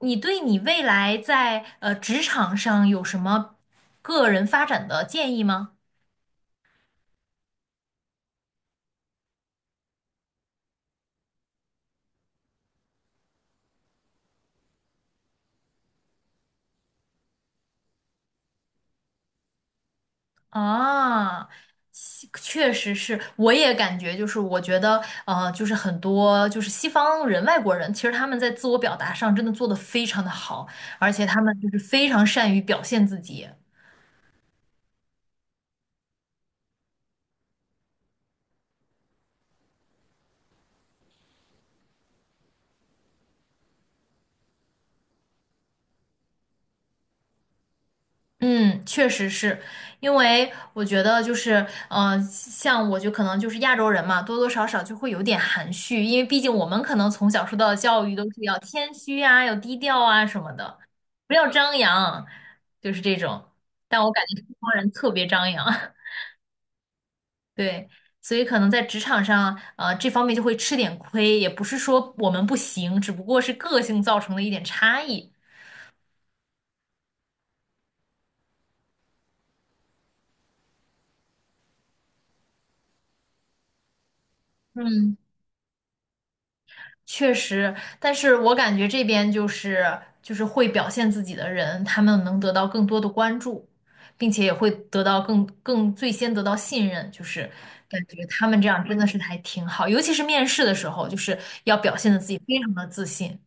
你对你未来在职场上有什么个人发展的建议吗？啊，西确实是，我也感觉就是，我觉得就是很多就是西方人、外国人，其实他们在自我表达上真的做得非常的好，而且他们就是非常善于表现自己。嗯，确实是，因为我觉得就是，像我就可能就是亚洲人嘛，多多少少就会有点含蓄，因为毕竟我们可能从小受到的教育都是要谦虚啊，要低调啊什么的，不要张扬，就是这种。但我感觉西方人特别张扬，对，所以可能在职场上，这方面就会吃点亏，也不是说我们不行，只不过是个性造成的一点差异。嗯，确实，但是我感觉这边就是就是会表现自己的人，他们能得到更多的关注，并且也会得到更最先得到信任，就是感觉他们这样真的是还挺好，尤其是面试的时候，就是要表现的自己非常的自信。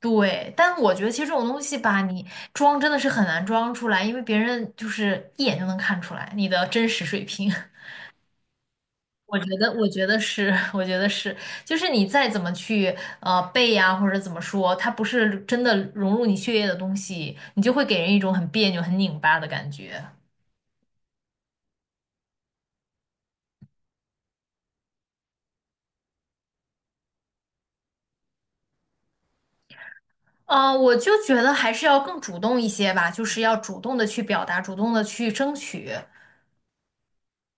对，但我觉得其实这种东西吧，你装真的是很难装出来，因为别人就是一眼就能看出来你的真实水平。我觉得，我觉得是，我觉得是，就是你再怎么去背呀、或者怎么说，它不是真的融入你血液的东西，你就会给人一种很别扭、很拧巴的感觉。啊，我就觉得还是要更主动一些吧，就是要主动的去表达，主动的去争取。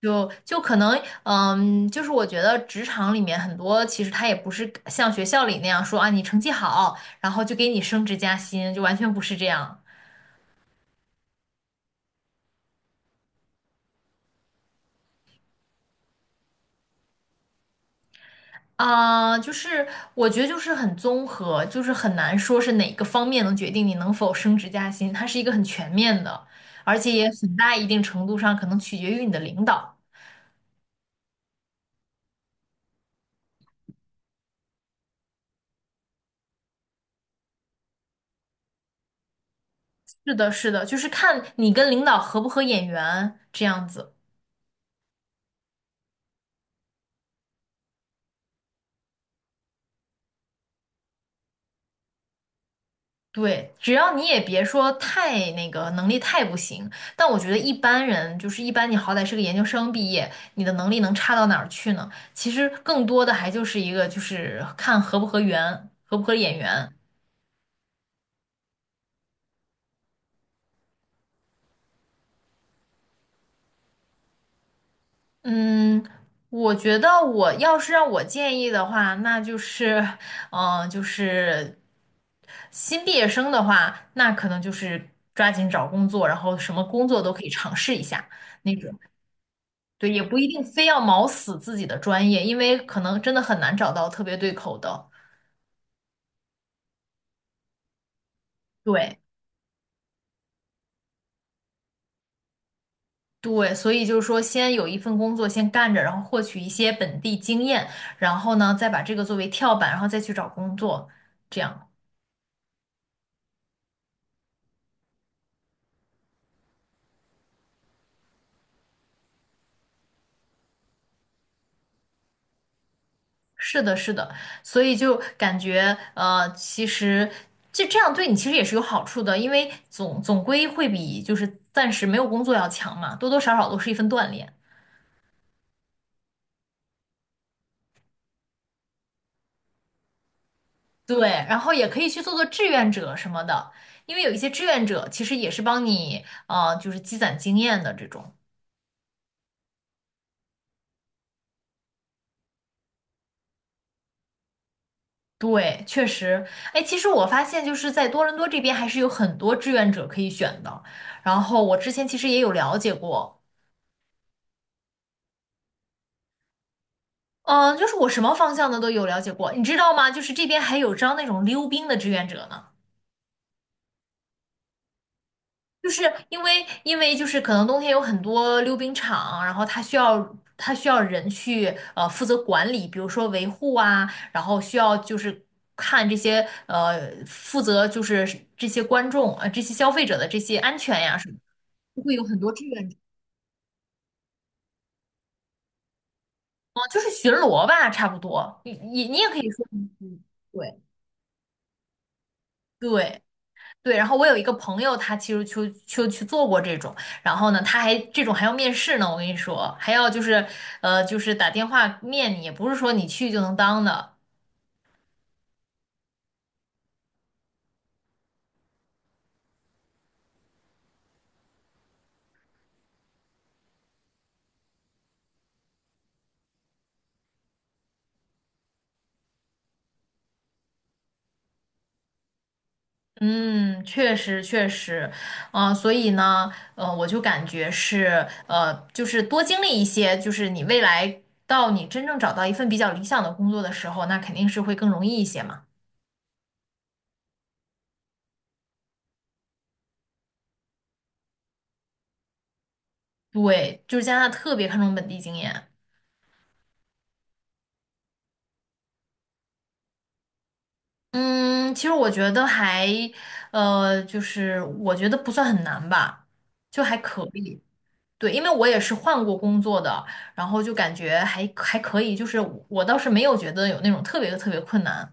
就可能，嗯，就是我觉得职场里面很多，其实他也不是像学校里那样说啊，你成绩好，然后就给你升职加薪，就完全不是这样。啊，就是我觉得就是很综合，就是很难说是哪个方面能决定你能否升职加薪，它是一个很全面的，而且也很大一定程度上可能取决于你的领导。是的，是的，就是看你跟领导合不合眼缘这样子。对，只要你也别说太那个能力太不行，但我觉得一般人就是一般，你好歹是个研究生毕业，你的能力能差到哪儿去呢？其实更多的还就是一个就是看合不合缘，合不合眼缘。嗯，我觉得我要是让我建议的话，那就是，嗯、就是新毕业生的话，那可能就是抓紧找工作，然后什么工作都可以尝试一下那种。对，也不一定非要卯死自己的专业，因为可能真的很难找到特别对口的。对对，所以就是说，先有一份工作先干着，然后获取一些本地经验，然后呢，再把这个作为跳板，然后再去找工作，这样。是的，是的，所以就感觉其实就这样对你其实也是有好处的，因为总总归会比就是暂时没有工作要强嘛，多多少少都是一份锻炼。对，然后也可以去做做志愿者什么的，因为有一些志愿者其实也是帮你就是积攒经验的这种。对，确实，哎，其实我发现就是在多伦多这边还是有很多志愿者可以选的，然后我之前其实也有了解过。嗯，就是我什么方向的都有了解过，你知道吗？就是这边还有招那种溜冰的志愿者呢，就是因为就是可能冬天有很多溜冰场，然后他需要人去负责管理，比如说维护啊，然后需要就是看这些负责就是这些观众这些消费者的这些安全呀什么的，就会有很多志愿者，嗯，就是巡逻吧，差不多，你也可以说，嗯，对对。对，然后我有一个朋友，他其实就去做过这种，然后呢，他还这种还要面试呢，我跟你说，还要就是就是打电话面你，也不是说你去就能当的。嗯，确实确实，嗯、所以呢，我就感觉是就是多经历一些，就是你未来到你真正找到一份比较理想的工作的时候，那肯定是会更容易一些嘛。对，就是加拿大特别看重本地经验。嗯，其实我觉得还，就是我觉得不算很难吧，就还可以。对，因为我也是换过工作的，然后就感觉还还可以，就是我倒是没有觉得有那种特别特别困难。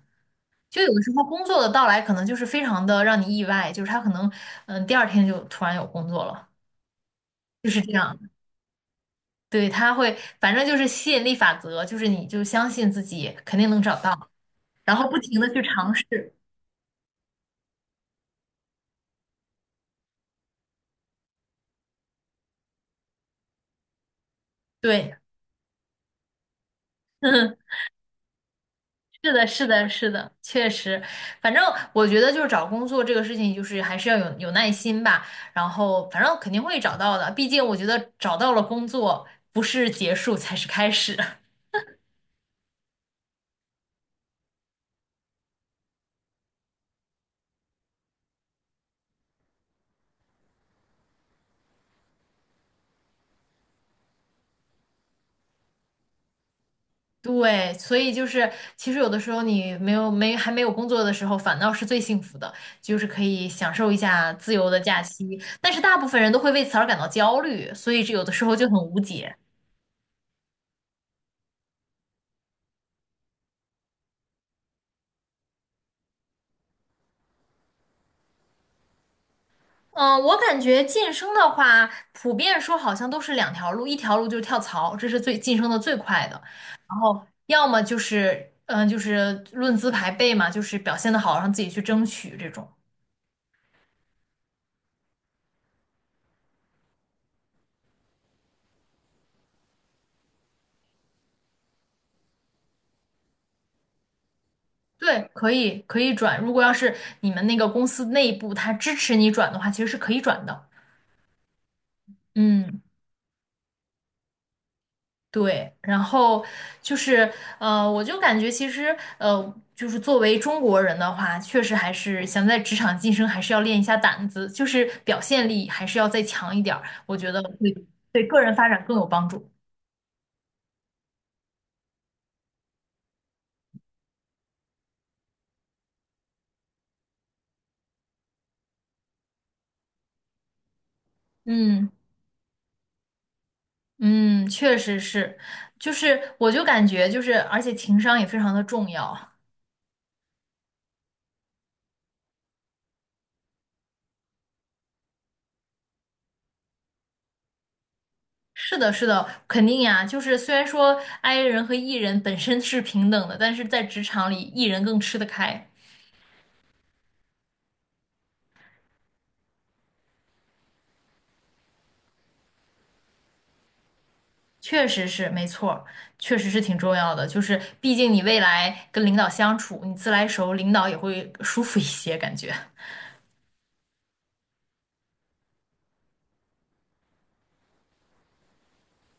就有的时候工作的到来可能就是非常的让你意外，就是他可能嗯第二天就突然有工作了，就是这样。对，他会反正就是吸引力法则，就是你就相信自己肯定能找到，然后不停的去尝试。对。是的，是的，是的，确实，反正我觉得就是找工作这个事情，就是还是要有耐心吧。然后，反正肯定会找到的，毕竟我觉得找到了工作，不是结束才是开始。对，所以就是其实有的时候你没有没还没有工作的时候，反倒是最幸福的，就是可以享受一下自由的假期。但是大部分人都会为此而感到焦虑，所以这有的时候就很无解。嗯，我感觉晋升的话，普遍说好像都是两条路，一条路就是跳槽，这是最晋升的最快的，然后要么就是，嗯，就是论资排辈嘛，就是表现的好，让自己去争取这种。对，可以可以转，如果要是你们那个公司内部他支持你转的话，其实是可以转的。嗯。对，然后就是我就感觉其实就是作为中国人的话，确实还是想在职场晋升，还是要练一下胆子，就是表现力还是要再强一点儿，我觉得会对个人发展更有帮助。嗯嗯，确实是，就是我就感觉就是，而且情商也非常的重要。是的，是的，肯定呀。就是虽然说 i 人和 e 人本身是平等的，但是在职场里，e 人更吃得开。确实是，没错儿，确实是挺重要的。就是毕竟你未来跟领导相处，你自来熟，领导也会舒服一些，感觉。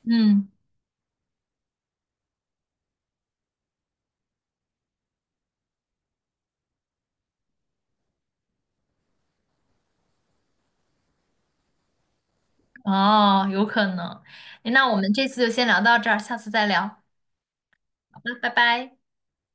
嗯，哦，有可能。那我们这次就先聊到这儿，下次再聊。好的，拜拜。